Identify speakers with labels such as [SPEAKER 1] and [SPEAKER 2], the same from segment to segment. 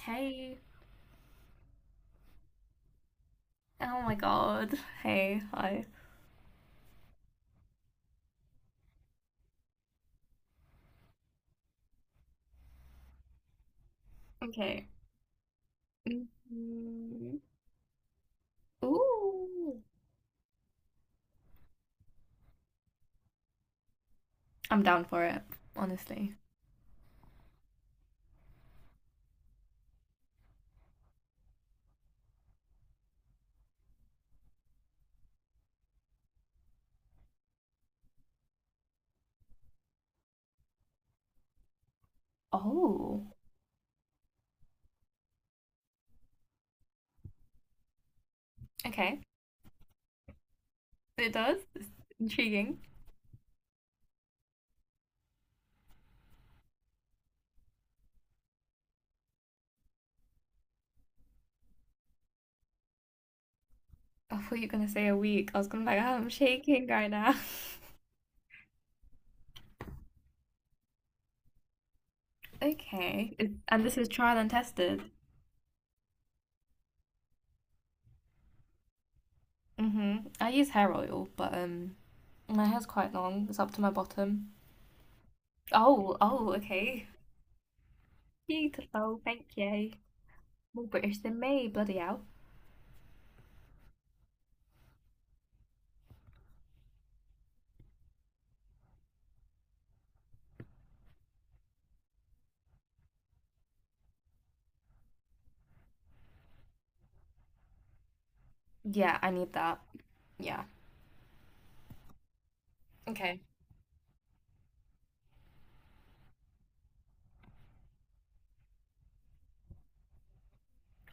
[SPEAKER 1] Hey. Oh my god. Hey. Hi. Okay. Mhm. Ooh. I'm down for it, honestly. Oh. Okay. It does. It's intriguing. I thought you were gonna say a week. I was gonna be like, oh, I'm shaking right now. Okay. It- And this is trial and tested. I use hair oil, but my hair's quite long. It's up to my bottom. Oh, oh, okay. Beautiful, thank you. More British than me, bloody hell. Yeah, I need that. Yeah. Okay.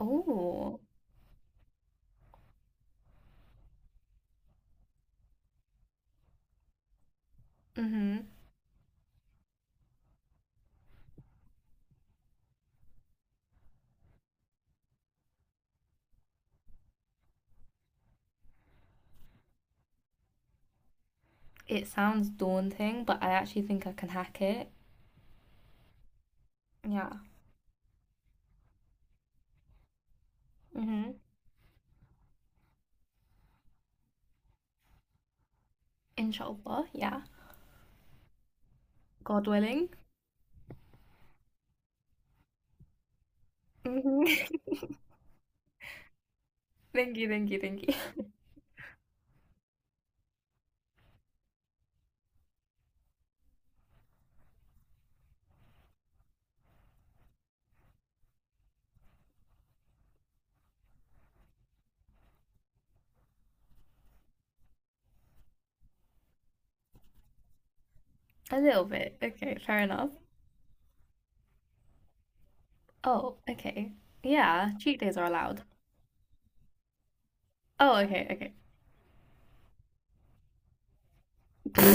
[SPEAKER 1] Oh, mm-hmm. It sounds daunting, but I actually think I can hack it. Yeah. Mm-hmm. Inshallah, yeah. God willing. Hmm Thank you, thank you, thank you. A little bit. Okay, fair enough. Oh, okay. Yeah, cheat days are allowed. Oh, okay, okay.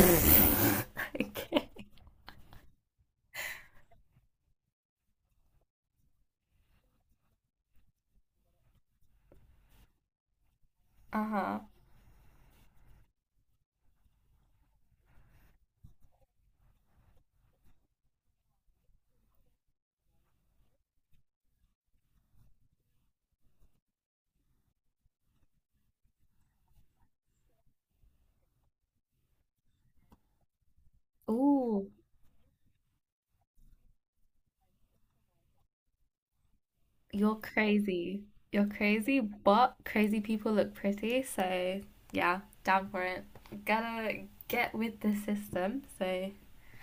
[SPEAKER 1] Okay. Uh-huh. Ooh. You're crazy. You're crazy, but crazy people look pretty, so yeah, down for it. Gotta get with the system. So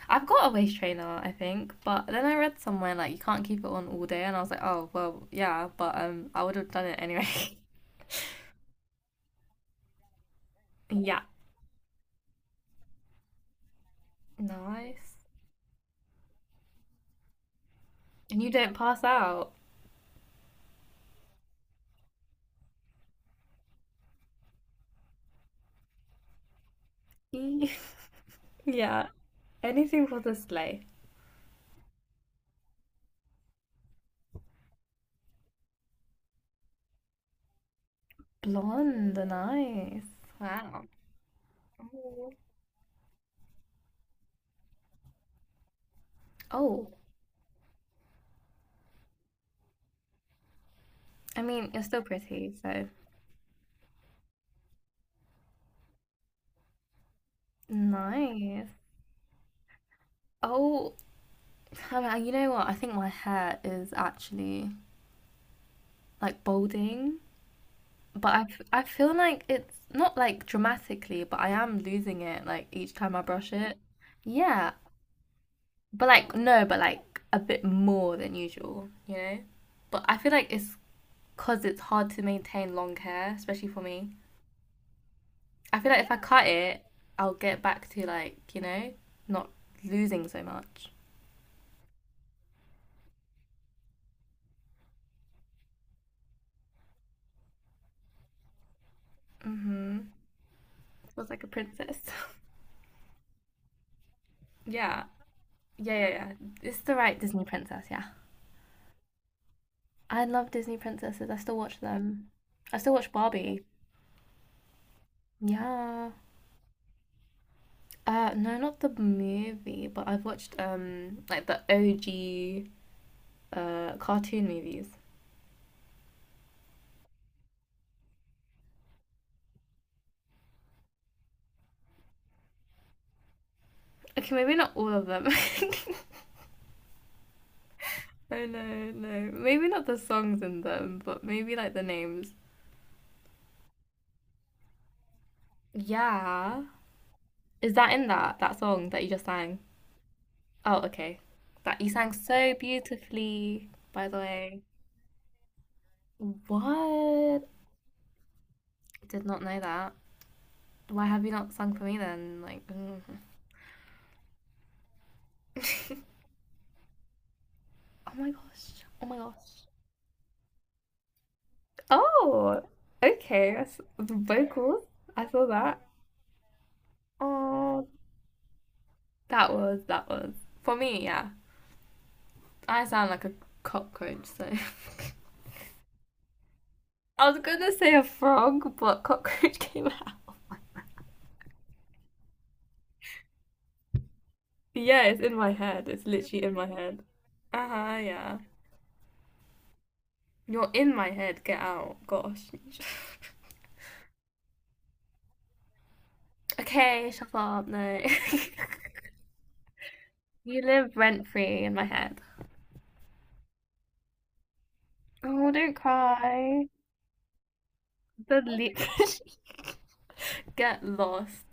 [SPEAKER 1] I've got a waist trainer, I think, but then I read somewhere like you can't keep it on all day, and I was like, oh well, yeah, but I would have done it anyway. yeah, nice. And you don't pass out. yeah, anything for the sleigh. Blonde, nice. Wow. Oh, Oh, I mean, you're still pretty, so Nice. Oh, I mean, I- you know what? I think my hair is actually like balding, but I, f- I feel like it's not like dramatically, but I am losing it like each time I brush it. Yeah, but like no, but like a bit more than usual, you know? But I feel like it's because it's hard to maintain long hair, especially for me. I feel like if I cut it, I'll get back to like, you know, not losing so much. Mm-hmm. Feels like a princess. Yeah. Yeah, yeah, yeah. It's the right Disney princess, yeah. I love Disney princesses. I still watch them. I still watch Barbie. Yeah. No, not the movie, but I've watched like the OG cartoon movies. Okay, maybe not all of them. oh no, no. Maybe not the songs in them, but maybe like the names. Yeah. Is that in that song that you just sang? Oh, okay. That you sang so beautifully, by the way. What? Did not know that. Why have you not sung for me then? Like, mm. oh my gosh, oh my gosh. Oh, okay. That's the vocals. I saw that. Oh, that was for me. Yeah, I sound like a cockroach. So I was gonna say a frog, but cockroach came out. Yeah, it's in my head. It's literally in my head. Uh huh. Yeah. You're in my head. Get out. Gosh. okay, shut up. No. You live rent free in my head. Oh, don't cry. The leech. Get lost.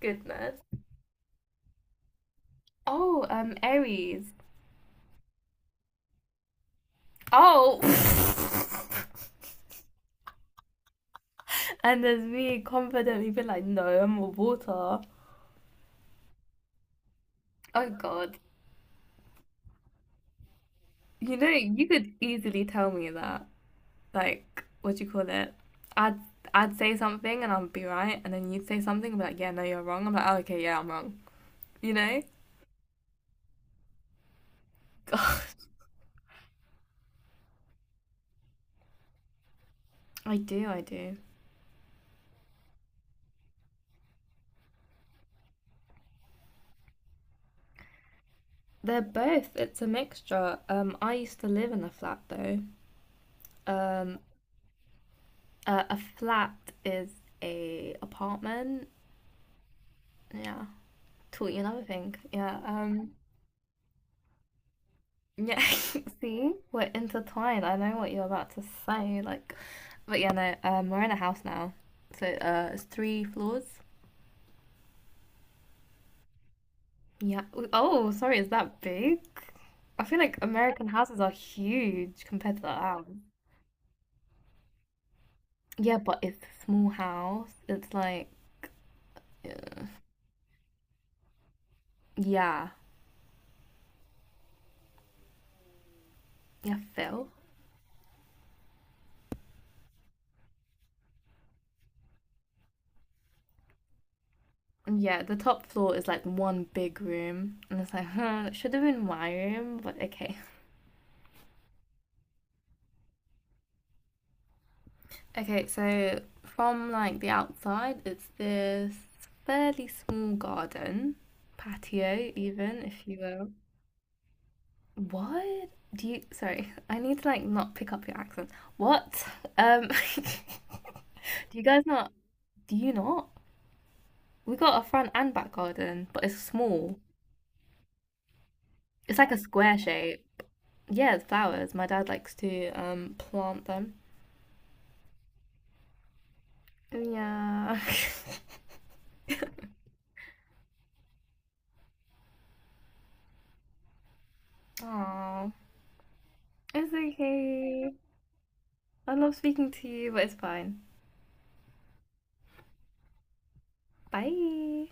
[SPEAKER 1] Goodness. Oh, Aries. Oh. and there's me confidently being like, no, I'm a water. Oh God. You know, you could easily tell me that. Like, what do you call it? I'd I'd say something and I'd be right, and then you'd say something and be like, yeah, no, you're wrong. I'm like, oh, okay, yeah, I'm wrong. You know? God. I do, I do. They're both. It's a mixture. I used to live in a flat though. Um, a flat is a apartment. Yeah, taught you another thing. Yeah. Yeah. See, we're intertwined. I know what you're about to say. Like, but yeah, no. We're in a house now. So it's three floors. Yeah. Oh, sorry. Is that big? I feel like American houses are huge compared to that. House. Yeah, but it's a small house. It's like yeah. Yeah, Phil. Yeah, the top floor is like one big room, and it's like, huh, that should have been my room, but okay. Okay, so from like the outside, it's this fairly small garden, patio, even if you will. What do you? Sorry, I need to like not pick up your accent. What? Um, do you guys not? Do you not? We got a front and back garden, but it's small. It's like a square shape. Yeah, the flowers. My dad likes to plant them. Yeah. Aww. It's okay. I love speaking to you, but it's fine. Bye.